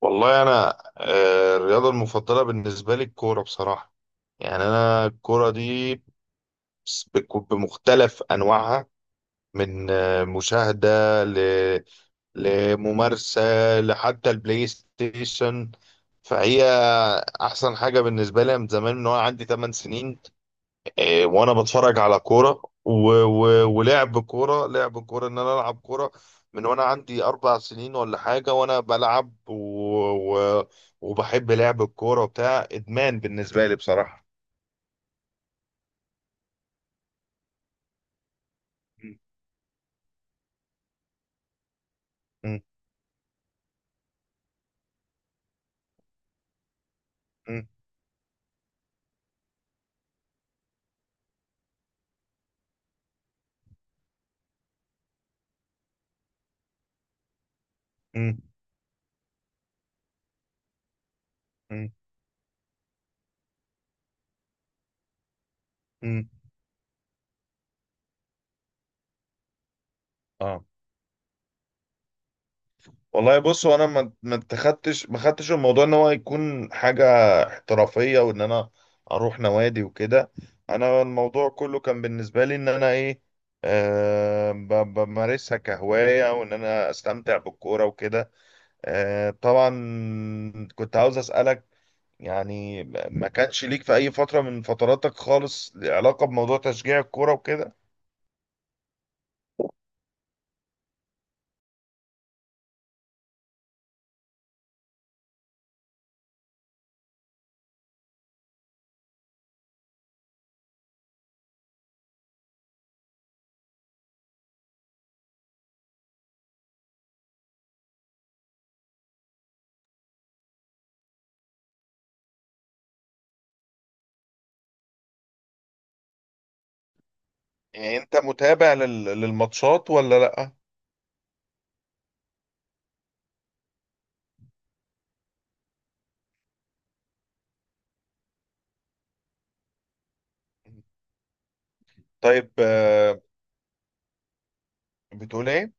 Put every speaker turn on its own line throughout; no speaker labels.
والله انا الرياضه المفضله بالنسبه لي الكوره بصراحه. يعني انا الكوره دي بمختلف انواعها، من مشاهده ل... لممارسه لحتى البلاي ستيشن. فهي احسن حاجه بالنسبه لي من زمان، من وانا عندي 8 سنين. إيه، وانا بتفرج على كوره ولعب كوره لعب كوره ان انا العب كوره من وانا عندي 4 سنين ولا حاجه، وانا بلعب و... وبحب لعب الكوره، وبتاع ادمان بالنسبه لي بصراحه. م- م- م- م- م- م. اه والله بص، هو انا ما خدتش الموضوع ان هو يكون حاجه احترافيه وان انا اروح نوادي وكده. انا الموضوع كله كان بالنسبه لي ان انا ايه، بمارسها كهوايه وان انا استمتع بالكوره وكده. طبعا، كنت عاوز اسالك، يعني ما كانش ليك في اي فتره من فتراتك خالص علاقه بموضوع تشجيع الكوره وكده؟ يعني انت متابع للماتشات ولا لا؟ طيب بتقول ايه؟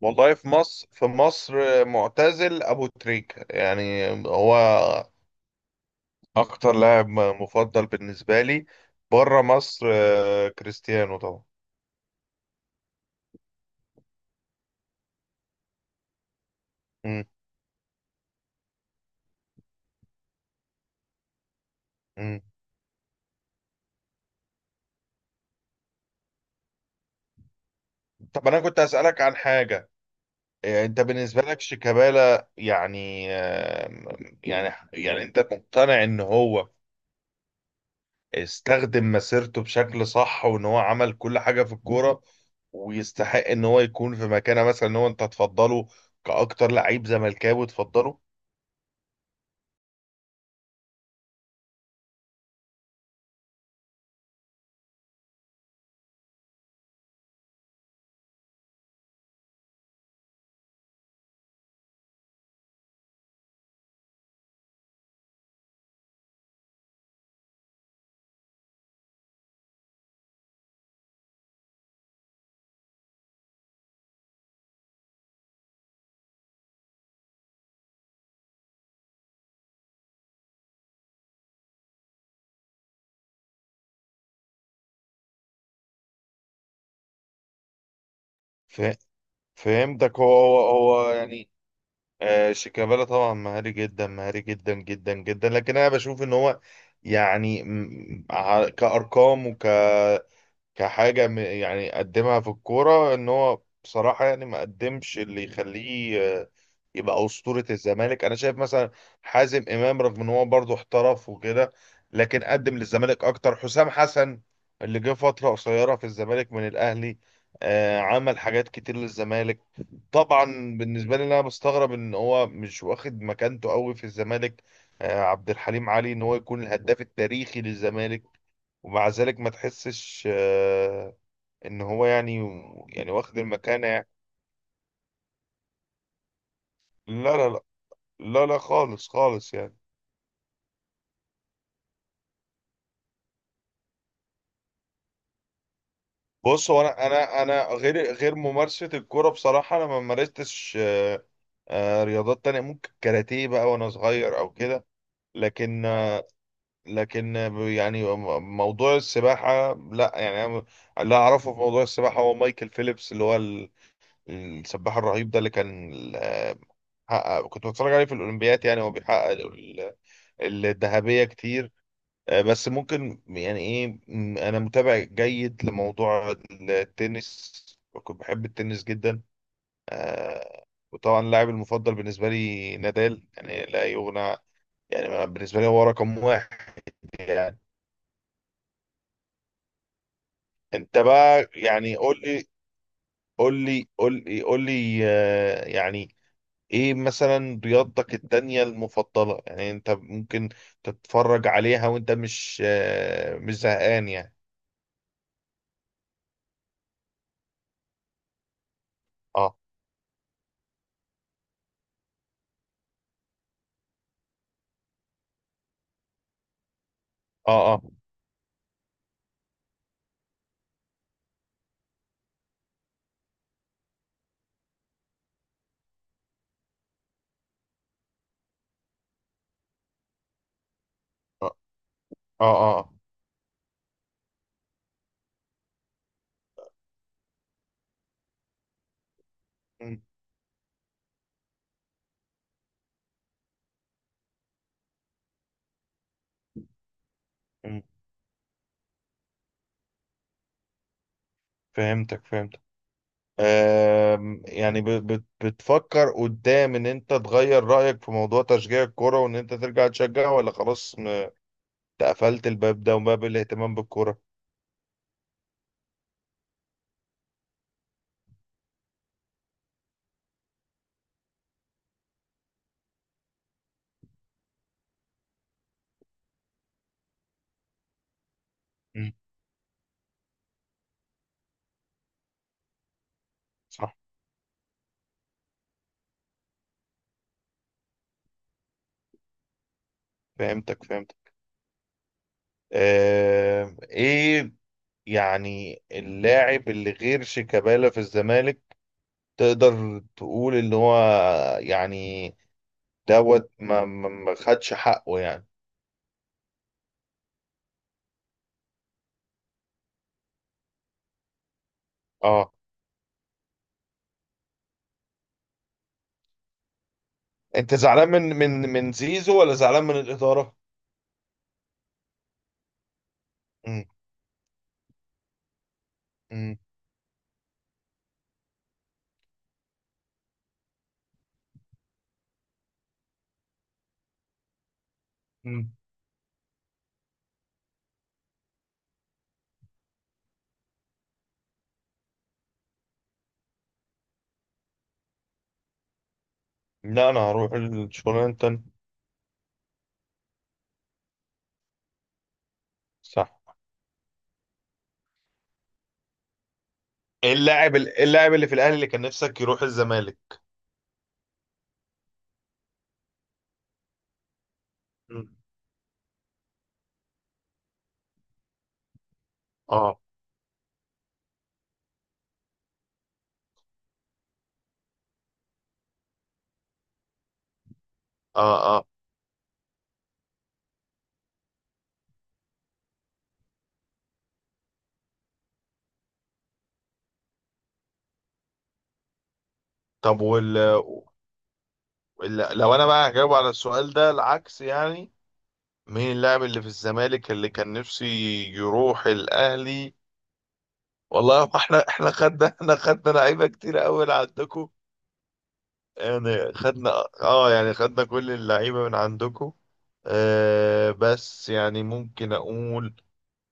والله في مصر معتزل أبو تريكة، يعني هو أكتر لاعب مفضل بالنسبة لي. بره مصر كريستيانو طبعا. مم. مم. طب أنا كنت أسألك عن حاجة. أنت بالنسبة لك شيكابالا، يعني يعني أنت مقتنع إن هو استخدم مسيرته بشكل صح وإن هو عمل كل حاجة في الكورة ويستحق إن هو يكون في مكانة، مثلا إن هو أنت تفضله كأكتر لعيب زملكاوي تفضله؟ فا- فهمتك. هو يعني شيكابالا طبعا مهاري جدا، مهاري جدا جدا جدا. لكن انا بشوف ان هو يعني كارقام كحاجة يعني قدمها في الكورة، ان هو بصراحة يعني ما قدمش اللي يخليه يبقى أسطورة الزمالك. انا شايف مثلا حازم امام رغم ان هو برضه احترف وكده، لكن قدم للزمالك اكتر. حسام حسن اللي جه فترة قصيرة في الزمالك من الاهلي، عمل حاجات كتير للزمالك طبعا. بالنسبة لي انا بستغرب ان هو مش واخد مكانته قوي في الزمالك. عبد الحليم علي، ان هو يكون الهداف التاريخي للزمالك ومع ذلك ما تحسش ان هو يعني واخد المكانة يعني. لا لا لا لا لا، خالص خالص يعني. بص هو انا غير ممارسة الكورة، بصراحة انا ما مارستش رياضات تانية، ممكن كاراتيه بقى وانا صغير او كده. لكن آه، لكن يعني موضوع السباحة لا، يعني أنا اللي اعرفه في موضوع السباحة هو مايكل فيليبس، اللي هو السباح الرهيب ده اللي كان حقق. كنت بتفرج عليه في الاولمبياد، يعني هو بيحقق الذهبية كتير. بس ممكن يعني ايه، انا متابع جيد لموضوع التنس. كنت بحب التنس جدا. آه، وطبعا اللاعب المفضل بالنسبة لي نادال، يعني لا يغنى، يعني بالنسبة لي هو رقم واحد يعني. انت بقى يعني قول لي قول لي قول لي قول لي يعني ايه مثلا رياضتك التانية المفضلة، يعني انت ممكن تتفرج عليها وانت مش زهقان يعني؟ اه، اه، اه، اه، اه. م- م. فهمتك فهمتك. يعني بتفكر قدام ان انت تغير رأيك في موضوع تشجيع الكرة وان انت ترجع تشجع، ولا خلاص تقفلت الباب ده وباب الاهتمام بالكرة؟ م، صح. فهمتك فهمتك. ايه يعني، اللاعب اللي غير شيكابالا في الزمالك تقدر تقول ان هو يعني دوت ما خدش حقه يعني؟ اه انت زعلان من زيزو ولا زعلان من الاداره؟ مم. مم. مم. لا، انا هروح الشغلانه التانية. صح. اللاعب اللي في الاهلي اللي كان نفسك يروح الزمالك. مم. اه، اه، اه. طب لو انا بقى هجاوب على السؤال ده العكس، يعني مين اللاعب اللي في الزمالك اللي كان نفسي يروح الاهلي؟ والله هو احنا خدنا لعيبه كتير قوي عندكم، يعني خدنا. اه يعني خدنا كل اللعيبة من عندكم. بس يعني ممكن اقول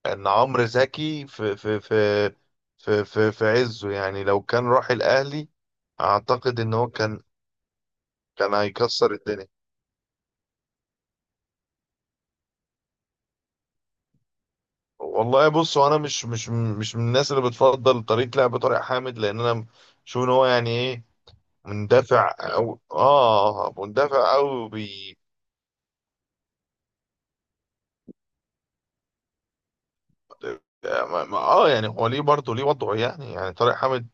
ان عمرو زكي في عزه، يعني لو كان راح الاهلي اعتقد ان هو كان هيكسر الدنيا. والله بص هو انا مش من الناس اللي بتفضل طريقة لعب طارق حامد، لان انا شوف ان هو يعني ايه، مندفع او بي اه يعني هو ليه برضه ليه وضعه. يعني طارق حامد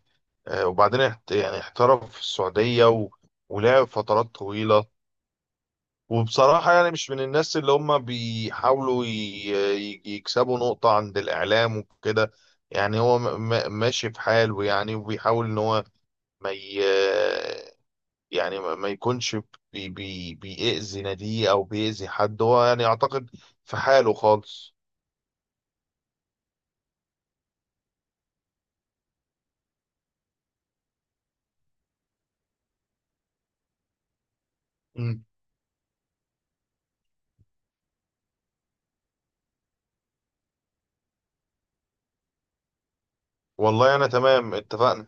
وبعدين يعني احترف في السعودية ولعب فترات طويلة. وبصراحة يعني مش من الناس اللي هم بيحاولوا يكسبوا نقطة عند الإعلام وكده. يعني هو ماشي في حاله، يعني وبيحاول إن هو ما ي... يعني ما يكونش بيأذي ناديه أو بيأذي حد. هو يعني أعتقد في حاله خالص. مم. والله أنا تمام، اتفقنا.